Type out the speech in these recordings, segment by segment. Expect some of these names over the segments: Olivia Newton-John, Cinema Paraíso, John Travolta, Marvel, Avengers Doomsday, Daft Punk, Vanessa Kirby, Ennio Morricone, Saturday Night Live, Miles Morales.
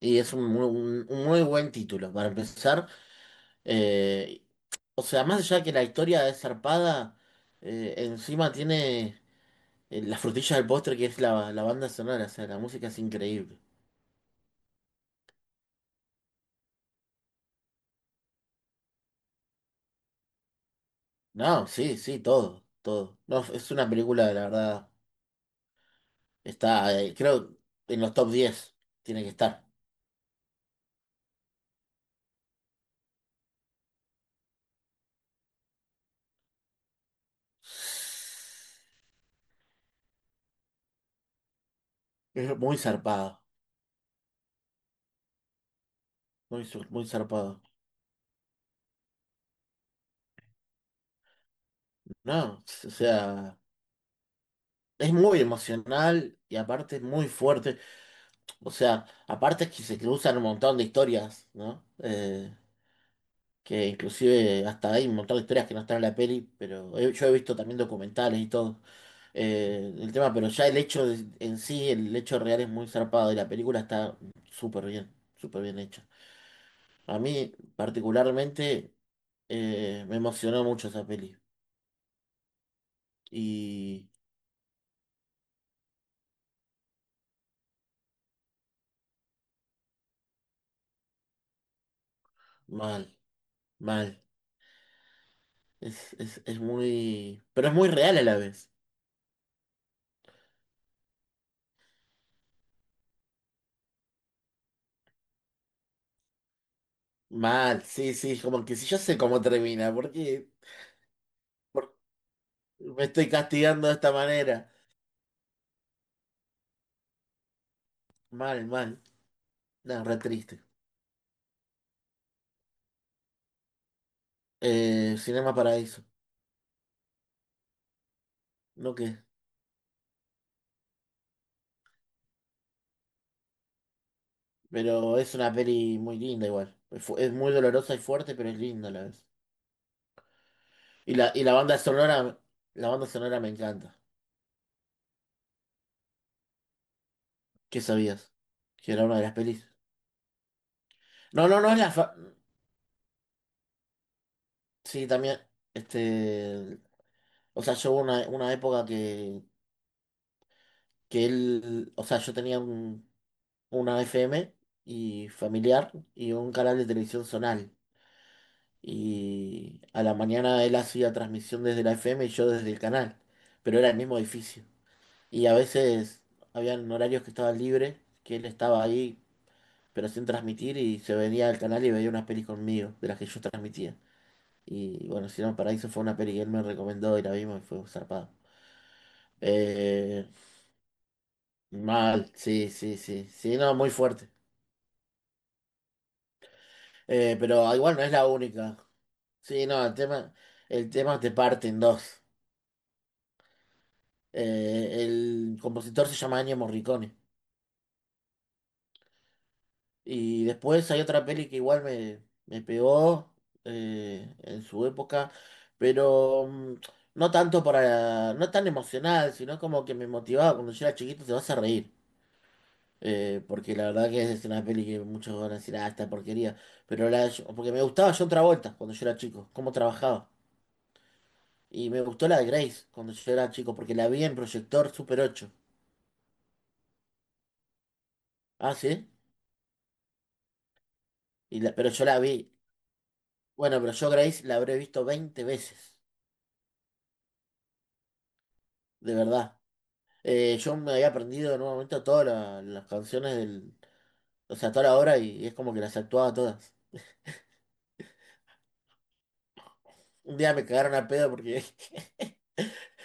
Y es un muy buen título para empezar. eh, o sea, más allá de que la historia es zarpada, encima tiene la frutilla del postre que es la banda sonora. O sea, la música es increíble. No, sí, sí, todo, todo. No, es una película, la verdad, está, creo, en los top 10 tiene que estar. Es muy zarpado, muy zarpado. No, o sea, es muy emocional y aparte es muy fuerte. O sea, aparte es que se cruzan un montón de historias, ¿no? Que inclusive hasta hay un montón de historias que no están en la peli, pero yo he visto también documentales y todo. El tema, pero ya el hecho en sí, el hecho real es muy zarpado y la película está súper bien hecha. A mí particularmente me emocionó mucho esa peli y mal, mal. Pero es muy real a la vez. Mal, sí, sí, como que si yo sé cómo termina, ¿por qué por- me estoy castigando de esta manera? Mal, mal, nada, re triste. Cinema Paraíso, no qué, pero es una peli muy linda igual. Es muy dolorosa y fuerte, pero es linda a la vez. Y la banda sonora, la banda sonora me encanta. ¿Qué sabías? Que era una de las pelis. No, no, no es. Sí, también, este, o sea, yo hubo una época que él, o sea, yo tenía un una FM y familiar y un canal de televisión zonal. Y a la mañana él hacía transmisión desde la FM y yo desde el canal, pero era el mismo edificio. Y a veces habían horarios que estaban libres, que él estaba ahí, pero sin transmitir y se venía al canal y veía unas pelis conmigo, de las que yo transmitía. Y bueno, Cielo Paraíso fue una peli que él me recomendó y la vimos y fue zarpada. Eh, mal, sí, sí, sí, sí, no, muy fuerte. Pero igual no es la única. Sí, no, el tema te parte en dos. El compositor se llama Ennio Morricone. Y después hay otra peli que igual me pegó en su época, pero no tanto para, no tan emocional, sino como que me motivaba cuando yo era chiquito, te vas a reír. Porque la verdad que es una peli que muchos van a decir, ah, esta porquería. Pero la, porque me gustaba John Travolta cuando yo era chico, cómo trabajaba. Y me gustó la de Grace cuando yo era chico, porque la vi en proyector Super 8. Ah, sí. Pero yo la vi. Bueno, pero yo Grace la habré visto 20 veces. De verdad. Yo me había aprendido en un momento todas las canciones del. O sea, toda la obra y es como que las actuaba todas. Un día me cagaron a pedo porque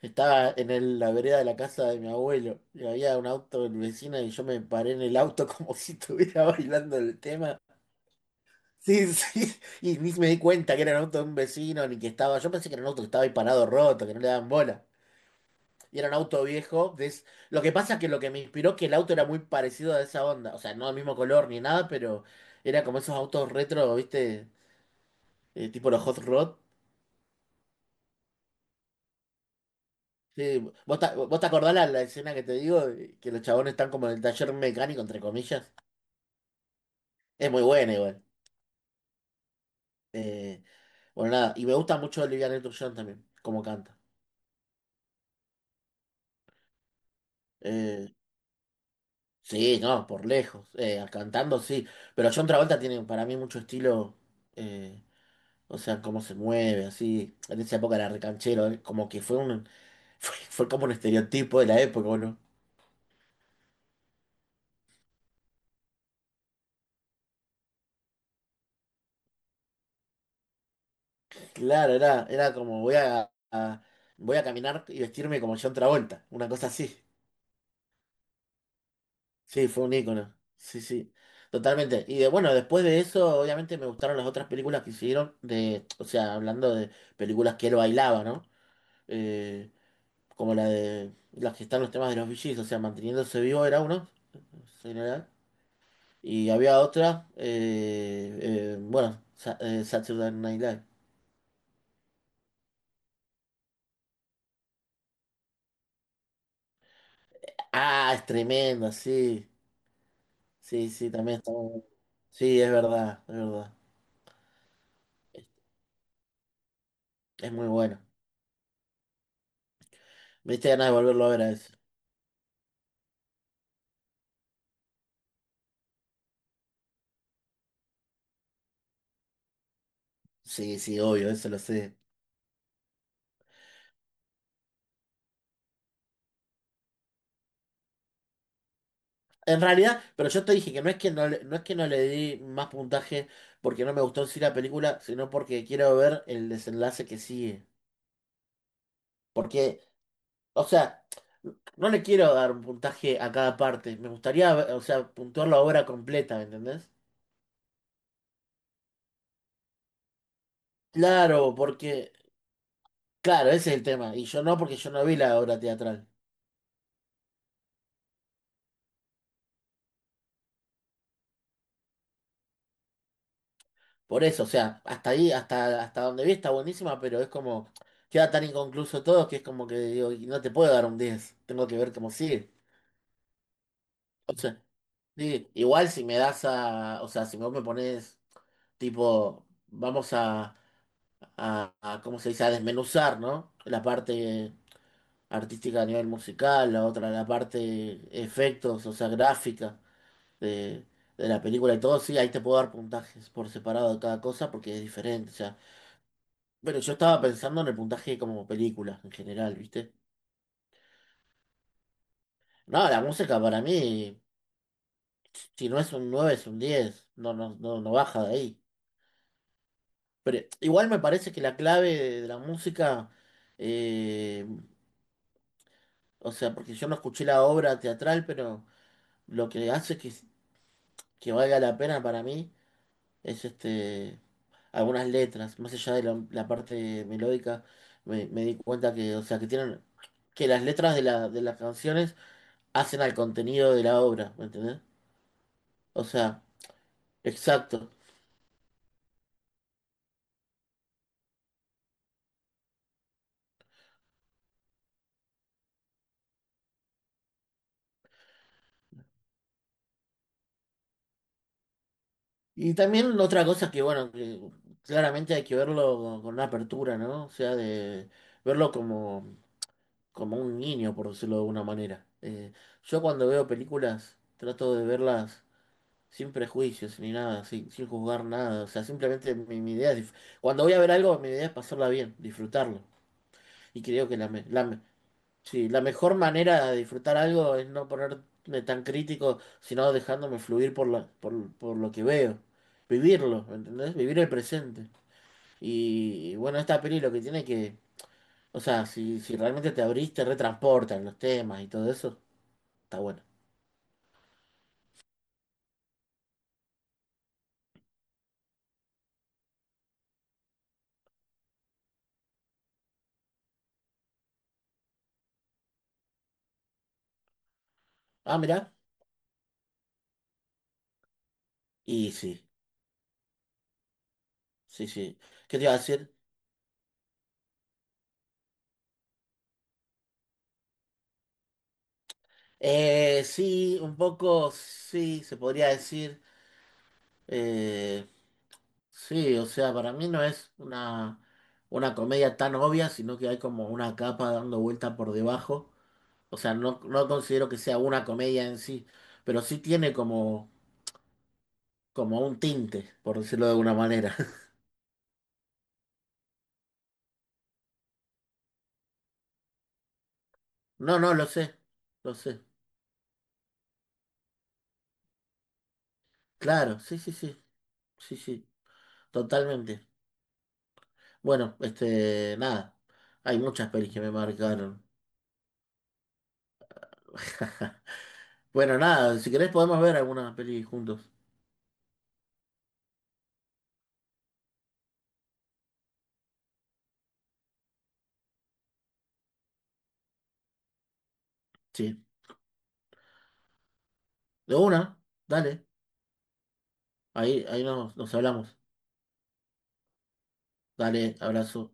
estaba en la vereda de la casa de mi abuelo y había un auto del vecino y yo me paré en el auto como si estuviera bailando el tema. Sí, sí. Y ni me di cuenta que era un auto de un vecino ni que estaba. Yo pensé que era un auto que estaba ahí parado roto, que no le daban bola. Y era un auto viejo. Lo que pasa es que lo que me inspiró que el auto era muy parecido a esa onda. O sea, no del mismo color ni nada, pero era como esos autos retro, ¿viste? Tipo los Hot Rod. Sí, ¿vos te acordás la escena que te digo? Que los chabones están como en el taller mecánico, entre comillas. Es muy buena igual. Eh, bueno, nada. Y me gusta mucho Olivia Newton-John también, como canta. Eh, sí, no, por lejos. Cantando sí. Pero John Travolta tiene para mí mucho estilo. eh, O sea, cómo se mueve, así. En esa época era recanchero, ¿eh? Como que fue un, fue como un estereotipo de la época, ¿o no? Claro, era como voy a caminar y vestirme como John Travolta, una cosa así. Sí, fue un ícono. Sí, sí. Totalmente. Y bueno, después de eso, obviamente me gustaron las otras películas que hicieron o sea, hablando de películas que él bailaba, ¿no? Eh, como la de las que están los temas de los VGs, o sea, manteniéndose vivo era uno, en general. Y había otra, bueno, Saturday Night Live. Ah, es tremenda, sí. Sí, sí, también está muy bueno. Sí, es verdad, es verdad. Es, es muy bueno. Me diste ganas de volverlo a ver a eso. Sí, sí, obvio, eso lo sé. En realidad, pero yo te dije que no es que no le di más puntaje porque no me gustó en sí la película, sino porque quiero ver el desenlace que sigue. Porque O sea, no le quiero dar un puntaje a cada parte. Me gustaría, o sea, puntuar la obra completa, ¿me entendés? Claro, claro, ese es el tema. Y yo no, porque yo no vi la obra teatral. Por eso, o sea, hasta ahí, hasta donde vi está buenísima, pero es como, queda tan inconcluso todo que es como que digo, y no te puedo dar un 10. Tengo que ver cómo sigue. O sea, sí, igual si me das a, o sea, si vos me pones, tipo, vamos ¿cómo se dice? A desmenuzar, ¿no? La parte artística a nivel musical, la otra, la parte efectos, o sea, gráfica de, de la película y todo, sí, ahí te puedo dar puntajes por separado de cada cosa porque es diferente, o sea. Pero yo estaba pensando en el puntaje como película en general, ¿viste? No, la música para mí, si no es un 9 es un 10, no, no, no, no baja de ahí. Pero igual me parece que la clave de la música eh, O sea, porque yo no escuché la obra teatral, pero lo que hace que valga la pena para mí es algunas letras, más allá de la parte melódica, me di cuenta que, o sea, que tienen, que las letras de las canciones hacen al contenido de la obra, ¿me entendés? O sea, exacto. Y también otra cosa que, bueno, que claramente hay que verlo con una apertura, ¿no? O sea, de verlo como un niño, por decirlo de alguna manera. Yo cuando veo películas trato de verlas sin prejuicios ni nada, sin juzgar nada. O sea, simplemente mi, mi idea es... dif- Cuando voy a ver algo, mi idea es pasarla bien, disfrutarlo. Y creo que sí, la mejor manera de disfrutar algo es no ponerme tan crítico, sino dejándome fluir por lo que veo. Vivirlo, ¿entendés? Vivir el presente. Y bueno, esta peli lo que tiene que... O sea, si realmente te abrís, te retransportan los temas y todo eso. Está bueno. Ah, mira. Y sí, sí, sí. ¿Qué te iba a decir? Sí, un poco, sí, se podría decir. Eh, sí, o sea, para mí no es una comedia tan obvia, sino que hay como una capa dando vuelta por debajo. O sea, no, no considero que sea una comedia en sí, pero sí tiene como un tinte, por decirlo de alguna manera. No, no, lo sé, lo sé. Claro, sí, sí, sí, sí, sí, totalmente. Bueno, nada. Hay muchas pelis que me marcaron. Bueno, nada, si querés podemos ver alguna peli juntos. Sí. De una, dale. Ahí nos hablamos. Dale, abrazo.